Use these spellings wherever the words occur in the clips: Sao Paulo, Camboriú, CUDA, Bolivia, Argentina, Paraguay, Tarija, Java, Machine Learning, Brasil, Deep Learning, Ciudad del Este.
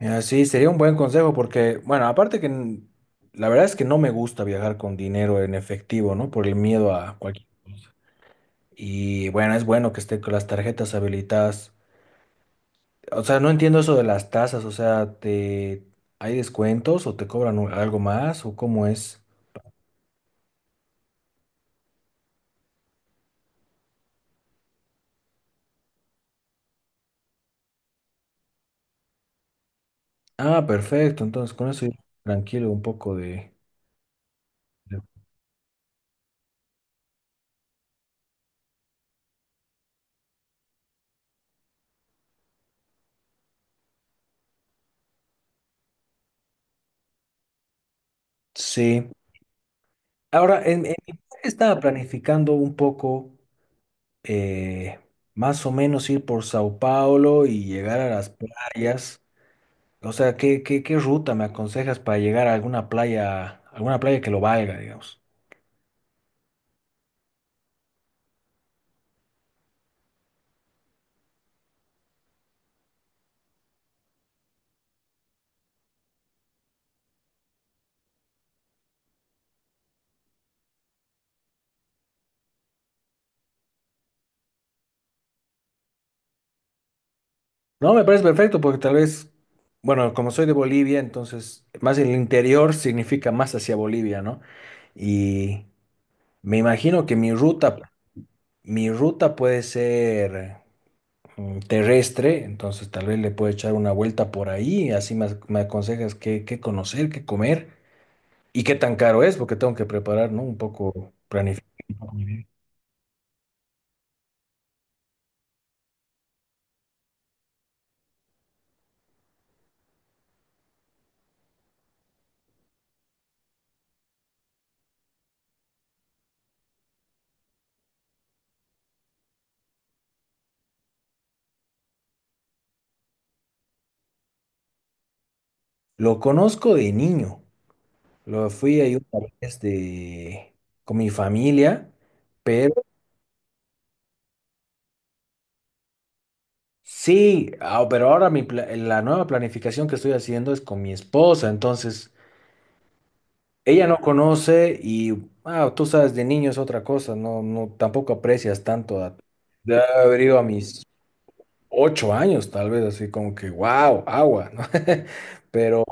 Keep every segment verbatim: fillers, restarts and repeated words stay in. Mira, sí, sería un buen consejo porque, bueno, aparte que n- la verdad es que no me gusta viajar con dinero en efectivo, ¿no? Por el miedo a cualquier... Y bueno, es bueno que esté con las tarjetas habilitadas. O sea, no entiendo eso de las tasas, o sea, te... ¿hay descuentos o te cobran un- algo más o cómo es? Ah, perfecto, entonces con eso yo tranquilo un poco de... de- Sí. Ahora, en, en mi plan estaba planificando un poco eh, más o menos ir por Sao Paulo y llegar a las playas. O sea, ¿qué, qué, qué ruta me aconsejas para llegar a alguna playa, alguna playa que lo valga, digamos? No, me parece perfecto porque tal vez, bueno, como soy de Bolivia, entonces más el interior significa más hacia Bolivia, ¿no? Y me imagino que mi ruta, mi ruta puede ser mm, terrestre, entonces tal vez le puedo echar una vuelta por ahí, así me, ac- me aconsejas qué, qué conocer, qué comer. ¿Y qué tan caro es? Porque tengo que preparar, ¿no? Un poco planificar. Lo conozco de niño. Lo fui ahí una vez de, con mi familia, pero sí, ah, pero ahora mi, pla- eh, la nueva planificación que estoy haciendo es con mi esposa. Entonces, ella no conoce y ah, tú sabes, de niño es otra cosa. No, no, tampoco aprecias tanto a, de haber ido a mis ocho años, tal vez, así como que, wow, agua, ¿no? Pero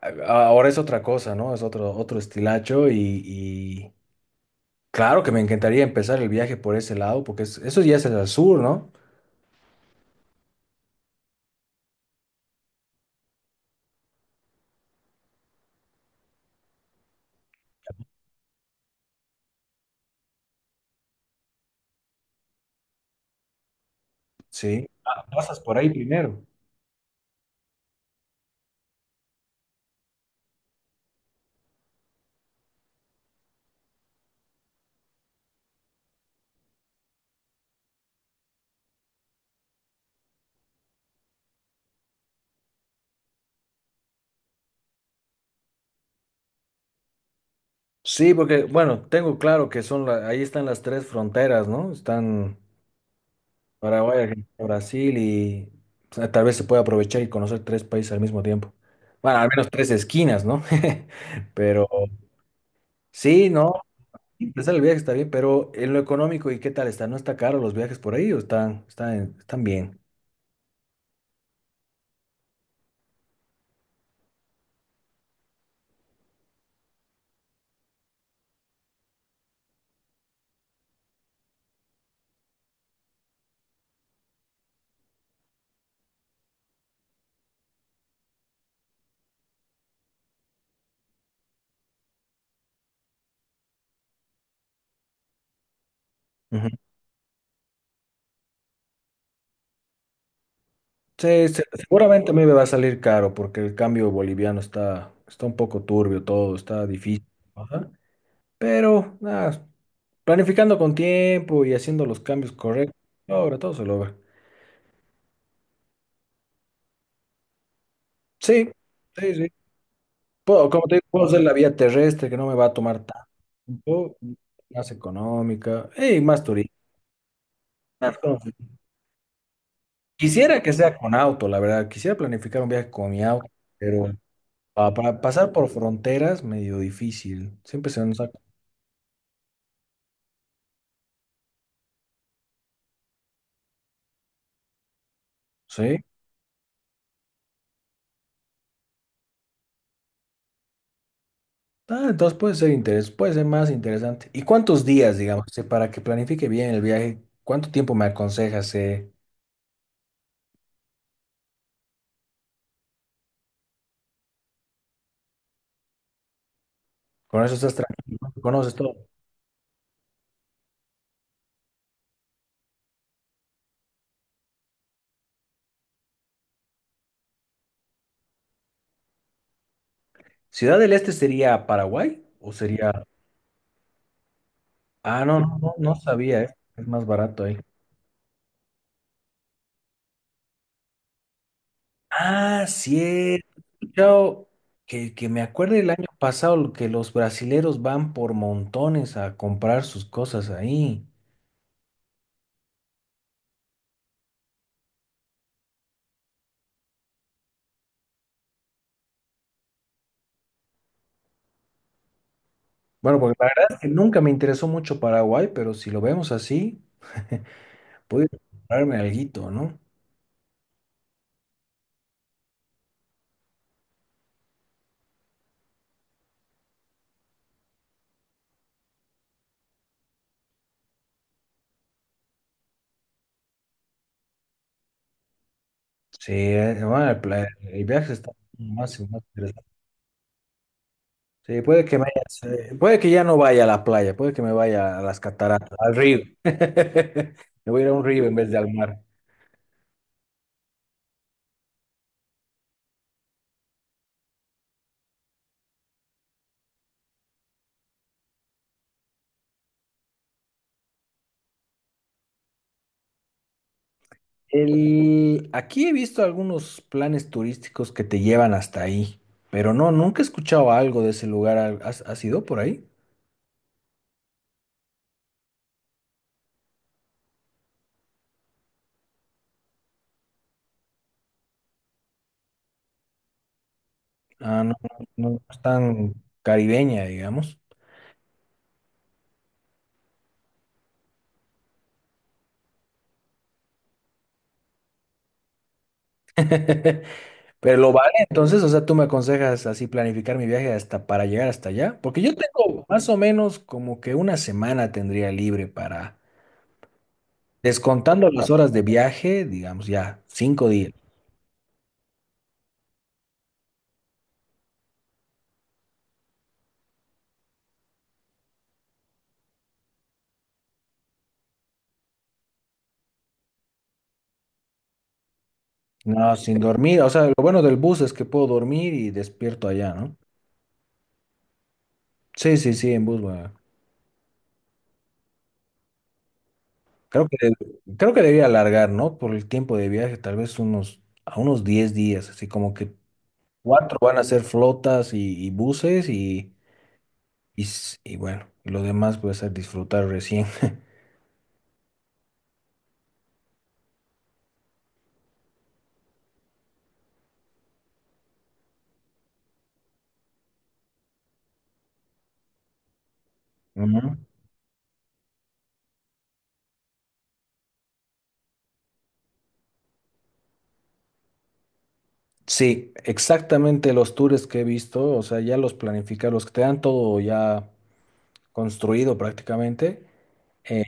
a- Ahora es otra cosa, ¿no? Es otro, otro estilacho y, y claro que me encantaría empezar el viaje por ese lado, porque es- eso ya es el sur, ¿no? Sí. Ah, pasas por ahí primero. Sí, porque, bueno, tengo claro que son, la- ahí están las tres fronteras, ¿no? Están Paraguay, Argentina, Brasil y o sea, tal vez se puede aprovechar y conocer tres países al mismo tiempo. Bueno, al menos tres esquinas, ¿no? Pero sí, ¿no? Empezar el viaje está bien, pero en lo económico, ¿y qué tal está? ¿No está caro los viajes por ahí o están, están, están bien? Ujú. Sí, se- seguramente a mí me va a salir caro porque el cambio boliviano está, está un poco turbio todo, está difícil. Ajá. Pero nada, planificando con tiempo y haciendo los cambios correctos, ahora todo se logra. Sí, sí, sí. Puedo, como te digo, puedo hacer la vía terrestre que no me va a tomar tanto, más económica y más turística. Quisiera que sea con auto, la verdad. Quisiera planificar un viaje con mi auto, pero pa- para pasar por fronteras, medio difícil. Siempre se nos saca. ¿Sí? Ah, entonces puede ser interes, puede ser más interesante. ¿Y cuántos días, digamos, eh, para que planifique bien el viaje? ¿Cuánto tiempo me aconsejas? eh? Con eso estás tranquilo, ¿no conoces todo? ¿Ciudad del Este sería Paraguay o sería... Ah, no, no, no, no sabía, eh. Es más barato ahí. Ah, cierto. He escuchado que, que me acuerdo el año pasado lo que los brasileros van por montones a comprar sus cosas ahí. Bueno, porque la verdad es que nunca me interesó mucho Paraguay, pero si lo vemos así, puedo comprarme alguito, ¿no? Sí, eh, bueno, el, pla- el viaje está más y más interesante. Sí, puede que me haya- sí, puede que ya no vaya a la playa, puede que me vaya a las cataratas, al río. Me voy a ir a un río en vez de al mar. El, aquí he visto algunos planes turísticos que te llevan hasta ahí, pero no, nunca he escuchado algo de ese lugar. Al- ¿has, has ido por ahí? Ah, no, no, no es tan caribeña, digamos. Pero lo vale, entonces, o sea, tú me aconsejas así planificar mi viaje hasta para llegar hasta allá, porque yo tengo más o menos como que una semana tendría libre para, descontando las horas de viaje, digamos ya, cinco días. No, sin dormir, o sea, lo bueno del bus es que puedo dormir y despierto allá, ¿no? Sí, sí, sí, en bus, va. Creo que, creo que debería alargar, ¿no? Por el tiempo de viaje, tal vez unos, a unos diez días, así como que cuatro van a ser flotas y, y buses y, y, s- y bueno, lo demás puede ser disfrutar recién. Ujú. Sí, exactamente los tours que he visto, o sea, ya los planificados, los que te dan todo ya construido prácticamente. eh,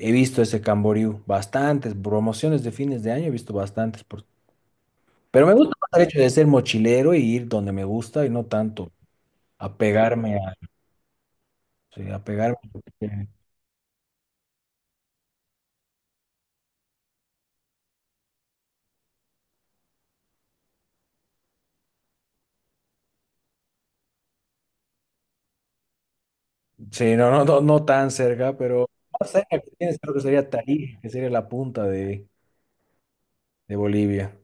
He visto ese Camboriú, bastantes promociones de fines de año, he visto bastantes. Pero me gusta más el hecho de ser mochilero y ir donde me gusta y no tanto apegarme a, sí, apegarme. eh, Sí, no, no, no, no tan cerca, pero más cerca que tienes creo que sería Tarija, que sería la punta de, de Bolivia.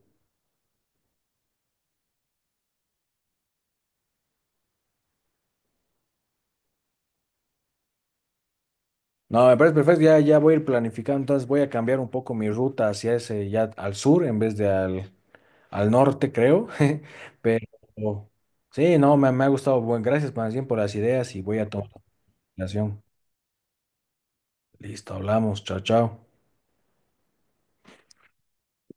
No, me parece perfecto, ya, ya voy a ir planificando, entonces voy a cambiar un poco mi ruta hacia ese, ya al sur en vez de al, al norte, creo. Pero sí, no, me, me ha gustado. Bueno, gracias más bien por las ideas y voy a tomar la consideración. Listo, hablamos, chao, chao.